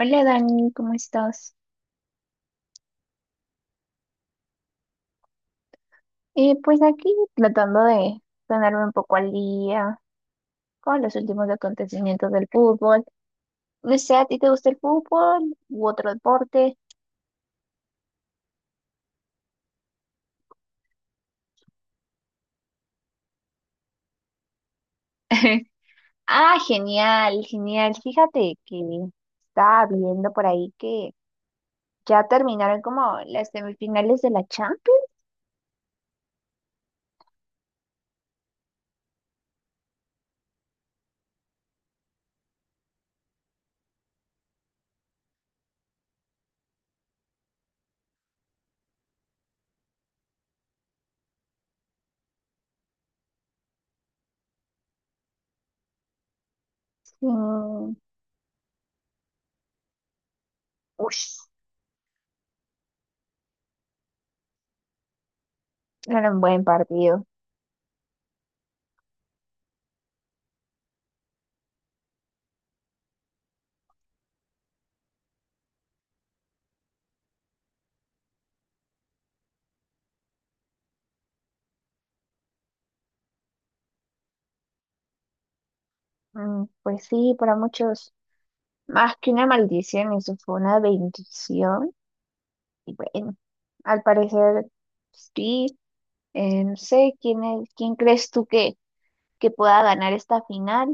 Hola Dani, ¿cómo estás? Pues aquí tratando de ponerme un poco al día con los últimos acontecimientos del fútbol. No sé, ¿a ti te gusta el fútbol u otro deporte? Ah, genial, genial. Fíjate que estaba viendo por ahí que ya terminaron como las semifinales de la Champions. Mm, ush, era un buen partido. Pues sí, para muchos, más que una maldición, eso fue una bendición. Y bueno, al parecer sí. No sé quién quién crees tú que pueda ganar esta final,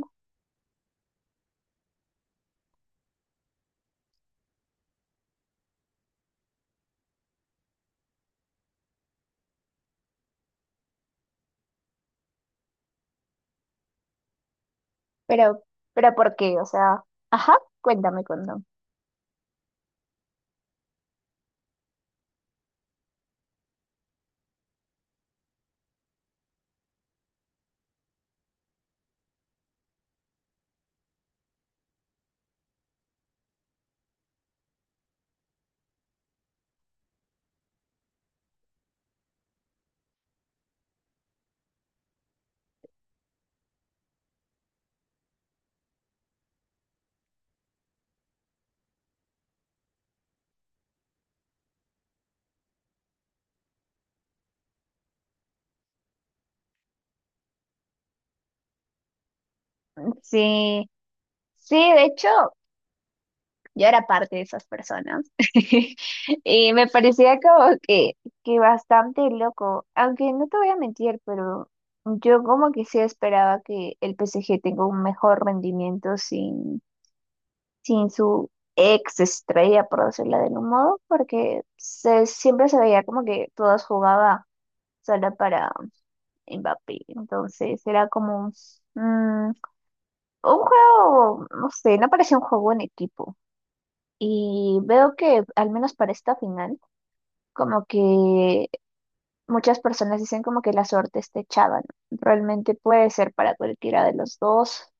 pero, pero ¿por qué? O sea, ajá, cuéntame, cuéntame. Sí, sí, de hecho, yo era parte de esas personas y me parecía como que bastante loco, aunque no te voy a mentir, pero yo como que sí esperaba que el PSG tenga un mejor rendimiento sin su ex estrella, por decirlo de algún modo, porque siempre se veía como que todas jugaba sola para Mbappé. Entonces era como mm, un juego, no sé, no parecía un juego en equipo. Y veo que, al menos para esta final, como que muchas personas dicen como que la suerte está echada, ¿no? Realmente puede ser para cualquiera de los dos.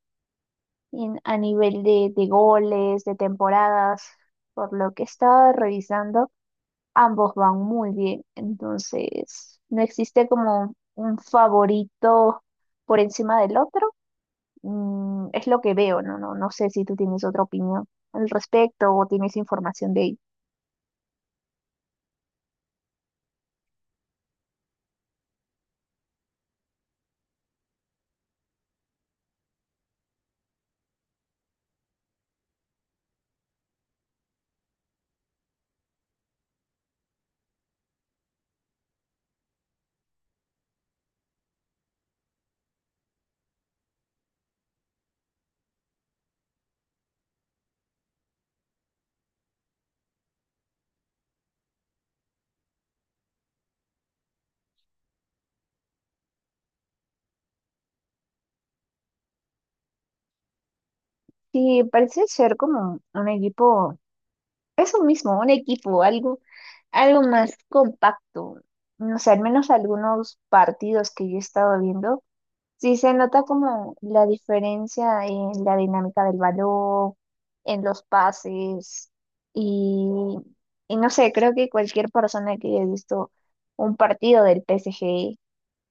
A nivel de goles, de temporadas, por lo que estaba revisando, ambos van muy bien. Entonces, no existe como un favorito por encima del otro. Es lo que veo, ¿no? No, no sé si tú tienes otra opinión al respecto o tienes información de ello. Sí, parece ser como un equipo, eso mismo, un equipo, algo más compacto. No sé, al menos algunos partidos que yo he estado viendo. Sí, se nota como la diferencia en la dinámica del balón, en los pases y, y no sé, creo que cualquier persona que haya visto un partido del PSG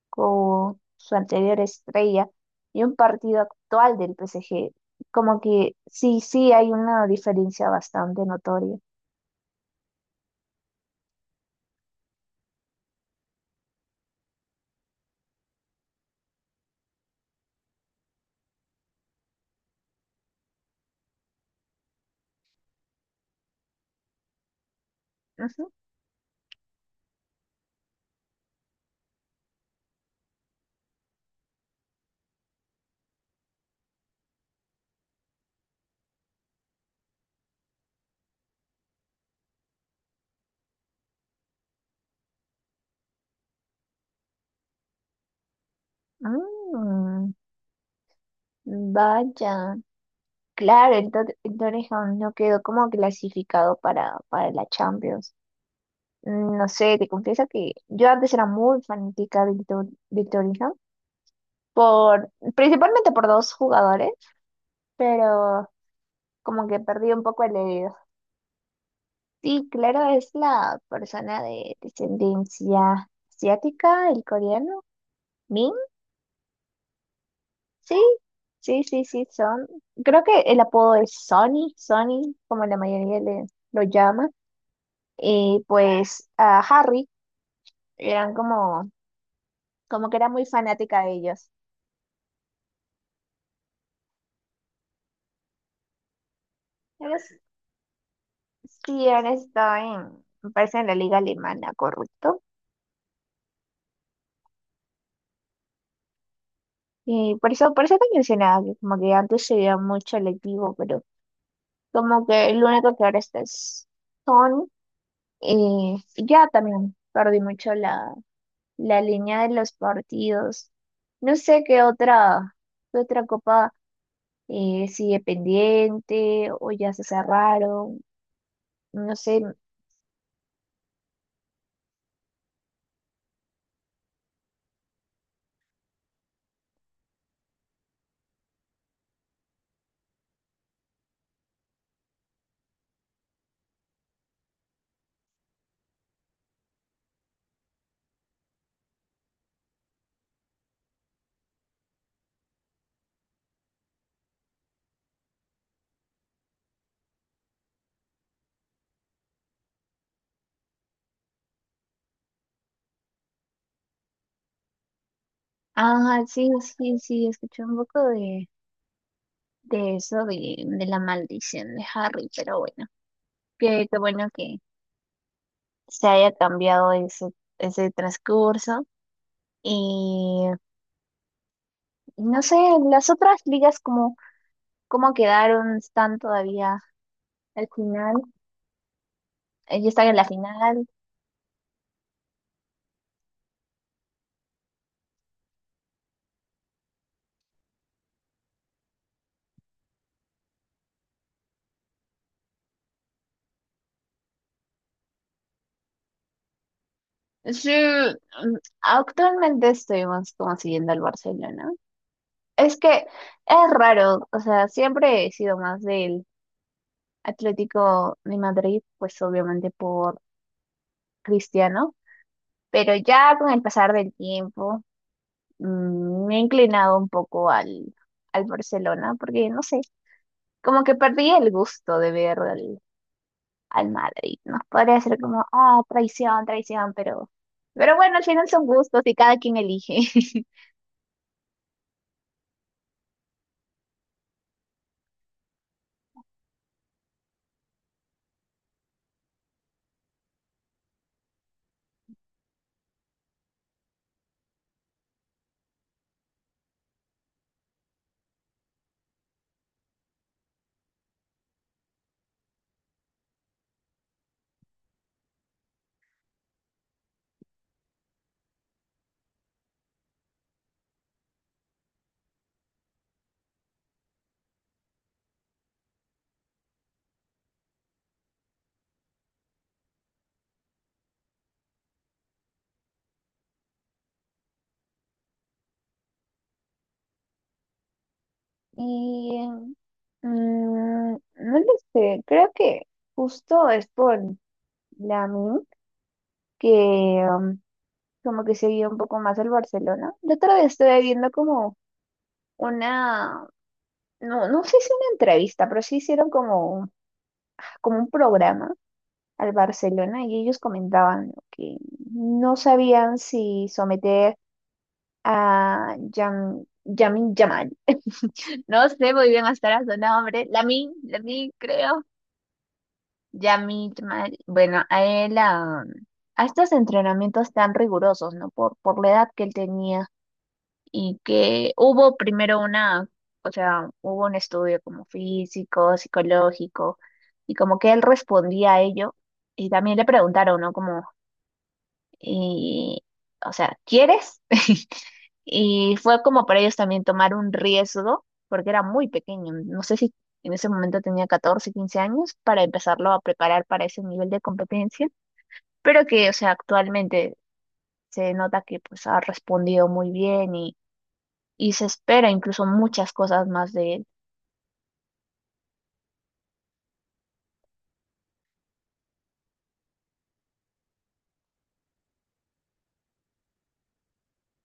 con su anterior estrella y un partido actual del PSG. Como que sí, sí hay una diferencia bastante notoria. Ujú. Mm, vaya. Claro, entonces aún no quedó como clasificado para la Champions. No sé, te confieso que yo antes era muy fanática del Torino, por, principalmente por dos jugadores, pero como que perdí un poco el herido. Sí, claro, es la persona de descendencia asiática, el coreano, Min, sí, sí, sí, sí, son. Creo que el apodo es Sonny, Sonny, como la mayoría lo llama. Y pues a Harry. Eran como que era muy fanática de ellos. Ellos sí han estado en, me parece en la liga alemana, correcto. Y por eso te mencionaba que como que antes se veía mucho el equipo, pero como que el único que ahora está es Son. Ya también perdí mucho la línea de los partidos. No sé qué otra copa sigue pendiente o ya se cerraron. No sé. Ah, sí, sí, sí, escuché un poco de eso, de la maldición de Harry, pero bueno, qué bueno que se haya cambiado ese transcurso. Y no sé, las otras ligas, ¿cómo quedaron? ¿Están todavía al final? ¿Ya están en la final? Sí, actualmente estuvimos como siguiendo al Barcelona. Es que es raro, o sea, siempre he sido más del Atlético de Madrid, pues obviamente por Cristiano, pero ya con el pasar del tiempo me he inclinado un poco al Barcelona, porque no sé, como que perdí el gusto de ver al Madrid, ¿no? Podría ser como, ah, traición, traición, pero bueno, al final son gustos y cada quien elige. Y mm, no lo sé, creo que justo es por Lamine que como que seguía un poco más el Barcelona. Yo otra vez estuve viendo como una, no, no sé si una entrevista, pero sí hicieron como un programa al Barcelona y ellos comentaban ¿no? que no sabían si someter a Yamin Yamal. No sé muy bien hasta ahora su nombre. Lamin, Lamin, creo. Yamin Yamal. Bueno, a él, a estos entrenamientos tan rigurosos, ¿no? Por la edad que él tenía y que hubo primero o sea, hubo un estudio como físico, psicológico, y como que él respondía a ello, y también le preguntaron, ¿no? Como, y, o sea, ¿quieres? Y fue como para ellos también tomar un riesgo, porque era muy pequeño, no sé si en ese momento tenía 14 15 años, para empezarlo a preparar para ese nivel de competencia, pero que, o sea, actualmente se nota que pues ha respondido muy bien y se espera incluso muchas cosas más de él.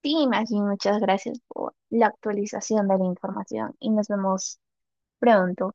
Sí, Maggie, muchas gracias por la actualización de la información y nos vemos pronto.